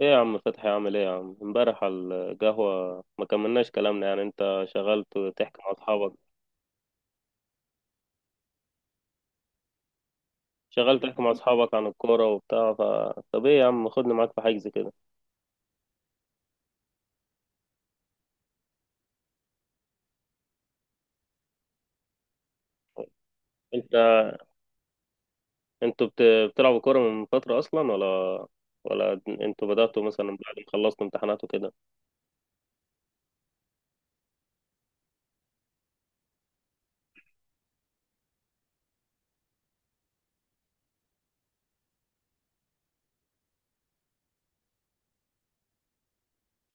ايه يا عم فتحي؟ عامل ايه يا عم؟ امبارح على القهوة ما كملناش كلامنا يعني، انت شغلت تحكي مع اصحابك. عن الكورة وبتاع. طب ايه يا عم، خدني معاك في حجز كده. انت انتوا بتلعبوا كورة من فترة اصلا ولا انتوا بدأتوا مثلا بعد ما خلصتوا امتحانات وكده؟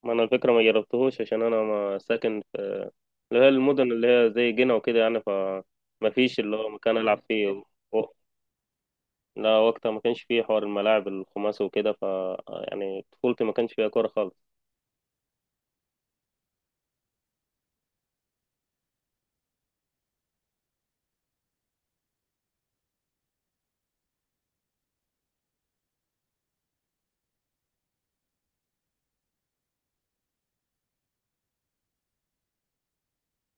ما انا الفكرة ما جربتهوش، عشان انا ما ساكن في اللي هي المدن اللي هي زي جنة وكده يعني. ما فيش اللي هو مكان العب فيه. لا وقتها ما كانش فيه حوار الملاعب الخماسي وكده، يعني طفولتي ما كانش فيها كورة خالص.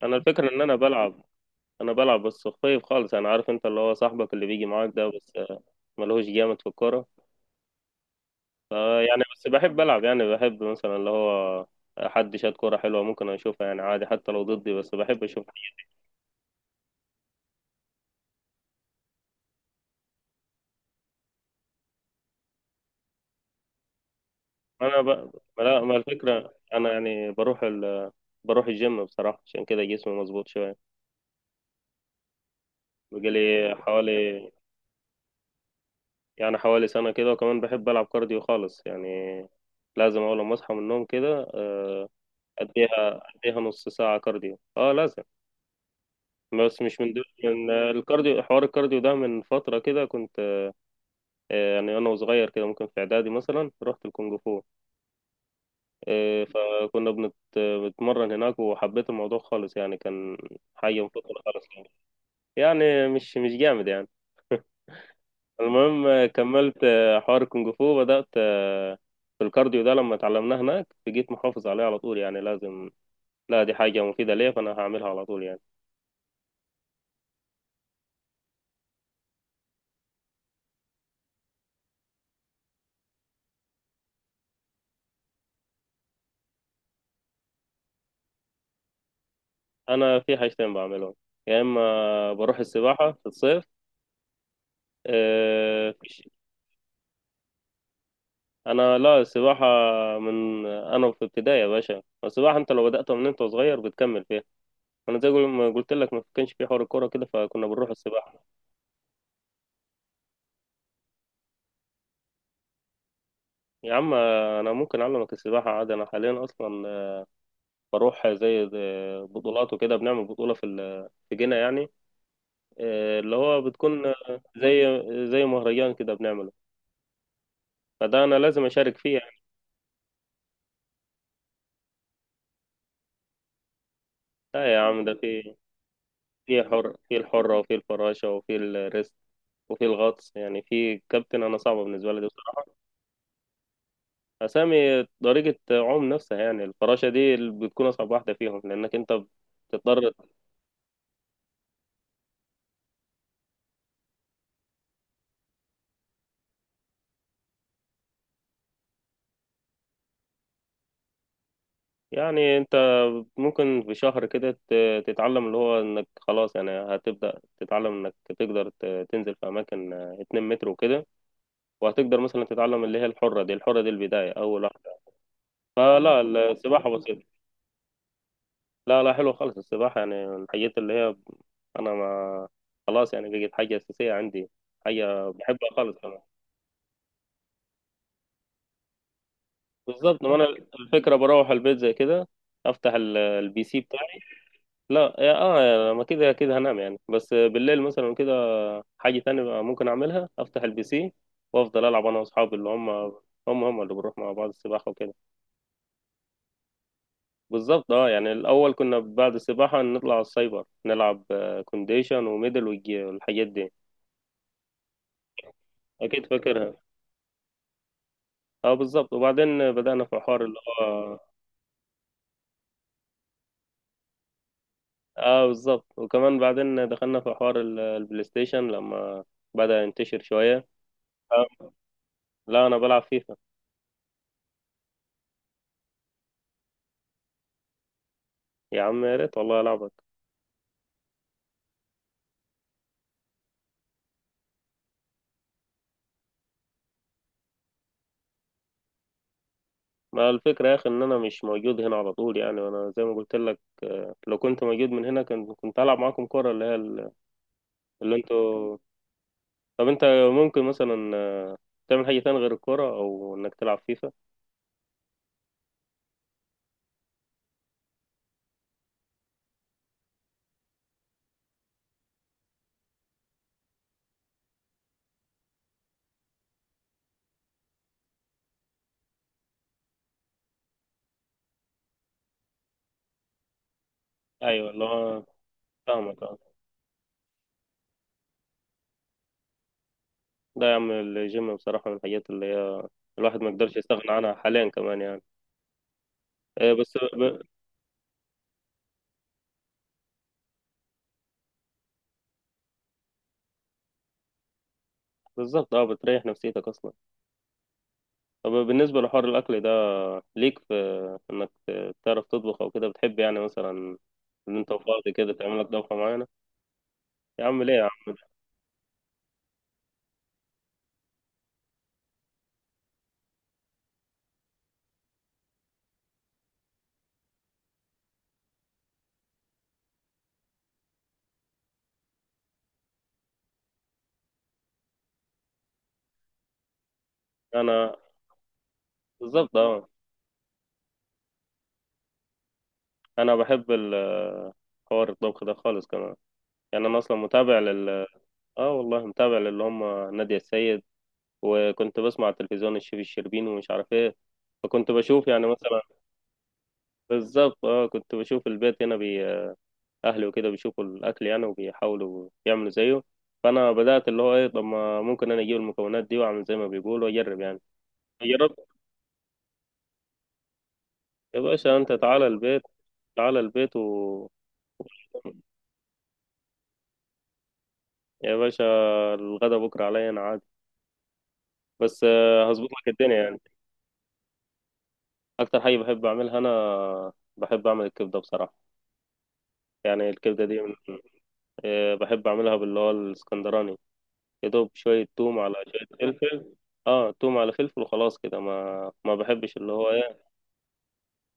انا الفكرة ان انا بلعب بس خفيف خالص. انا عارف انت اللي هو صاحبك اللي بيجي معاك ده، بس ملهوش جامد في الكورة ف يعني بس بحب العب، يعني بحب مثلا اللي هو حد شاد كورة حلوة ممكن اشوفها يعني عادي حتى لو ضدي، بس بحب اشوفها. انا ب... لا ما الفكرة، انا يعني بروح الجيم بصراحة، عشان كده جسمي مظبوط شوية. بقالي حوالي يعني حوالي سنة كده. وكمان بحب ألعب كارديو خالص، يعني لازم أول ما أصحى من النوم كده. آه، أديها نص ساعة كارديو، أه لازم. بس مش من دول، من الكارديو، حوار الكارديو ده من فترة كده كنت يعني أنا وصغير كده ممكن في إعدادي مثلا رحت الكونغ فو. آه، فكنا بنتمرن هناك، وحبيت الموضوع خالص يعني، كان حاجة مفضلة خالص يعني، يعني مش جامد يعني. المهم كملت حوار الكونغ فو، بدأت في الكارديو ده لما اتعلمناه هناك، جيت محافظ عليه على طول، يعني لازم، لا دي حاجة مفيدة ليا فأنا هعملها على طول يعني. أنا في حاجتين بعملهم، يا إما بروح السباحة في الصيف. آه، في الش- أنا لا، السباحة من أنا في ابتدائي يا باشا. السباحة أنت لو بدأت من أنت صغير بتكمل فيها. أنا زي ما قلت لك، ما كانش في حوار الكورة كده فكنا بنروح السباحة. يا عم أنا ممكن أعلمك السباحة عادي. أنا حاليا أصلا بروح زي بطولات وكده، بنعمل بطولة في جنة يعني. اللي هو بتكون زي زي مهرجان كده بنعمله، فده أنا لازم أشارك فيه يعني. لا يا عم ده في، في حر، في الحرة، وفي الفراشة، وفي الريست، وفي الغطس يعني، في كابتن، أنا صعبة بالنسبة لي دي بصراحة. أسامي طريقة عوم نفسها يعني. الفراشة دي اللي بتكون أصعب واحدة فيهم، لأنك أنت بتضطر. يعني انت ممكن في شهر كده تتعلم اللي هو انك خلاص، يعني هتبدأ تتعلم انك تقدر تنزل في اماكن 2 متر وكده. وهتقدر مثلا تتعلم اللي هي الحرة دي البداية، اول واحدة، فلا السباحة بسيطة. لا لا، حلوة خالص السباحة يعني، من الحاجات اللي هي، انا ما خلاص يعني بقت حاجة اساسية عندي، حاجة بحبها خالص كمان. بالظبط. ما انا الفكرة بروح البيت زي كده افتح البي سي بتاعي. لا يا اه، ما كده كده هنام يعني. بس بالليل مثلا حاجة تانية بقى ممكن أعملها، أفتح البي سي وأفضل ألعب أنا وأصحابي اللي هم، هم هم اللي بنروح مع بعض السباحة وكده. بالظبط. اه، يعني الأول كنا بعد السباحة نطلع على السايبر نلعب كونديشن وميدل والحاجات دي. أكيد فاكرها. اه بالظبط، وبعدين بدأنا في حوار اللي هو، اه بالظبط، وكمان بعدين دخلنا في حوار البلاي ستيشن لما بدأ ينتشر شوية. آه، لا أنا بلعب فيفا. يا عم يا ريت والله ألعبك. ما الفكرة يا أخي إن أنا مش موجود هنا على طول يعني، وأنا زي ما قلت لك، لو كنت موجود من هنا كنت هلعب معاكم كورة اللي هي ال- اللي انتوا طب انت ممكن مثلا تعمل حاجة تانية غير الكورة، او انك تلعب فيفا؟ ايوه اللي هو، فاهمك اه. ده يا عم الجيم بصراحة من الحاجات اللي هي الواحد ما يقدرش يستغنى عنها حاليا كمان يعني. آه، بس ب... بالظبط اه، بتريح نفسيتك اصلا. طب بالنسبة لحوار الاكل ده، ليك في انك تعرف تطبخ او كده؟ بتحب يعني مثلا ان انت فاضي كده تعمل لك طبخة معينة؟ يا عم ليه يا عم؟ انا بالظبط اه، انا بحب حوار الطبخ ده خالص كمان. يعني انا اصلا متابع اه والله متابع، للي هم نادية السيد، وكنت بسمع على التلفزيون الشيف الشربيني ومش عارف ايه، فكنت بشوف يعني مثلا، بالظبط اه، كنت بشوف البيت هنا، اهلي وكده بيشوفوا الاكل يعني وبيحاولوا يعملوا زيه، فانا بدات اللي هو ايه، طب ما ممكن انا اجيب المكونات دي واعمل زي ما بيقولوا واجرب يعني؟ جربت. يا باشا انت تعالى البيت. تعالى البيت و يا باشا، الغدا بكره عليا، انا عازمك، بس هظبط لك الدنيا يعني. اكتر حاجه بحب اعملها، انا بحب اعمل الكبده بصراحه. يعني الكبده دي. بحب اعملها باللي هو الاسكندراني، يا دوب شويه توم على شويه فلفل. اه، توم على فلفل وخلاص كده، ما بحبش اللي هو ايه.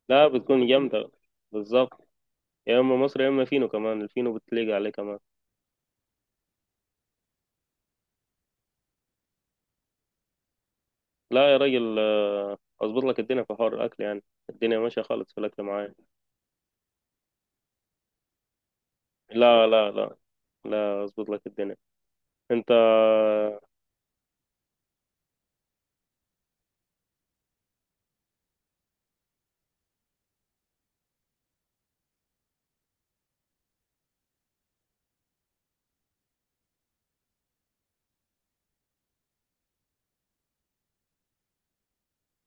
لا بتكون جامده بالظبط. يا اما مصري، يا اما فينو كمان، الفينو بتليق عليه كمان. لا يا راجل، اظبط لك الدنيا في حوار الاكل يعني. الدنيا ماشيه خالص في الاكل معايا. لا لا لا، لا اظبط لك الدنيا. انت،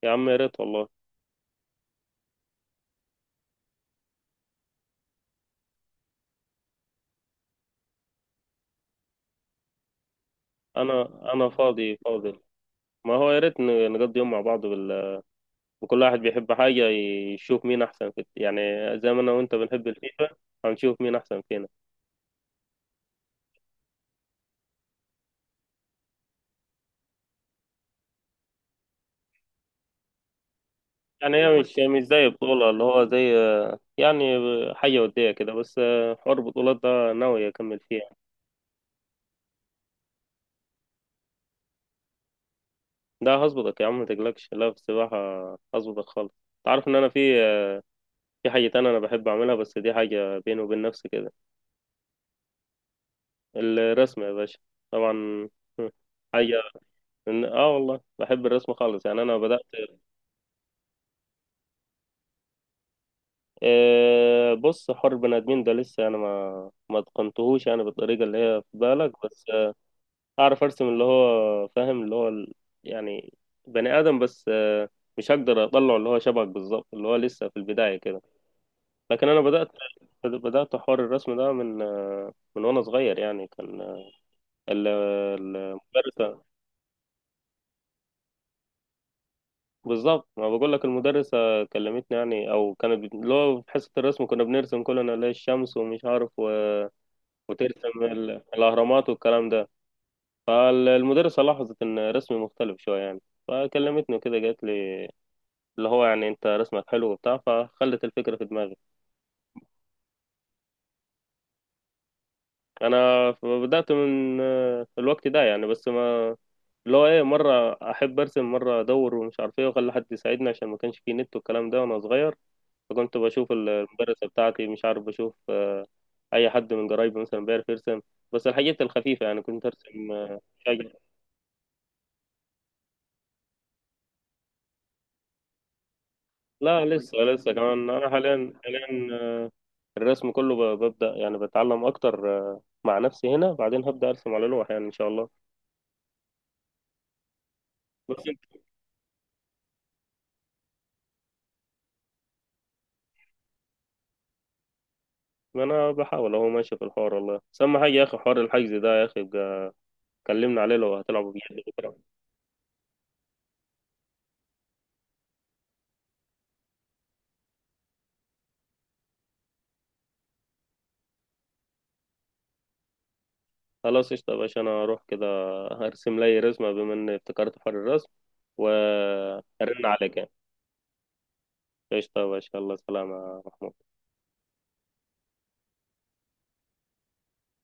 يا عم يا ريت والله. انا انا فاضي فاضي. ما هو يا ريت نقضي يوم مع بعض وكل واحد بيحب حاجة، يشوف مين احسن في يعني، زي ما انا وانت بنحب الفيفا، هنشوف مين احسن فينا. يعني هي مش زي بطولة، اللي هو زي يعني حاجة ودية كده، بس حوار البطولات ده ناوي اكمل فيه. ده هظبطك يا عم ما تقلقش، لا في السباحة هظبطك خالص. تعرف ان انا في، في حاجة تانية انا بحب اعملها، بس دي حاجة بيني وبين نفسي كده. الرسم يا باشا، طبعا. حاجة، اه والله بحب الرسم خالص يعني. انا بدأت، بص، حر بني ادمين ده لسه انا ما اتقنتهوش يعني بالطريقه اللي هي في بالك. بس اعرف ارسم اللي هو فاهم اللي هو يعني بني ادم، بس مش هقدر اطلع اللي هو شبهك بالظبط، اللي هو لسه في البدايه كده. لكن انا بدأت حوار الرسم ده من وانا صغير يعني، كان المدرسه، بالظبط ما بقول لك، المدرسة كلمتني يعني، او كانت اللي هو في حصة الرسم كنا بنرسم كلنا اللي هي الشمس ومش عارف، وترسم الاهرامات والكلام ده، فالمدرسة لاحظت ان رسمي مختلف شوية يعني، فكلمتني كده قالت لي اللي هو يعني انت رسمك حلو وبتاع، فخلت الفكرة في دماغي. انا بدأت من الوقت ده يعني. بس ما اللي هو ايه، مرة احب ارسم، مرة ادور ومش عارف ايه، واخلي حد يساعدني، عشان ما كانش فيه نت والكلام ده وانا صغير، فكنت بشوف المدرسة بتاعتي، مش عارف، بشوف اي حد من قرايبي مثلا بيعرف يرسم، بس الحاجات الخفيفه يعني، كنت ارسم شجر. لا لسه، كمان انا حاليا الرسم كله ببدا يعني بتعلم اكتر، مع نفسي هنا، بعدين هبدا ارسم على لوح يعني ان شاء الله. بس انت انا بحاول اهو ماشي في الحوار والله، بس اهم حاجه يا اخي حوار الحجز ده يا اخي بقى، كلمنا عليه لو هتلعبوا بجد بكره. خلاص قشطه يا باشا، انا اروح كده هرسم لي رسمه بما اني افتكرت حوار الرسم، وارن عليك يعني. قشطه يا باشا، الله سلامه يا محمود.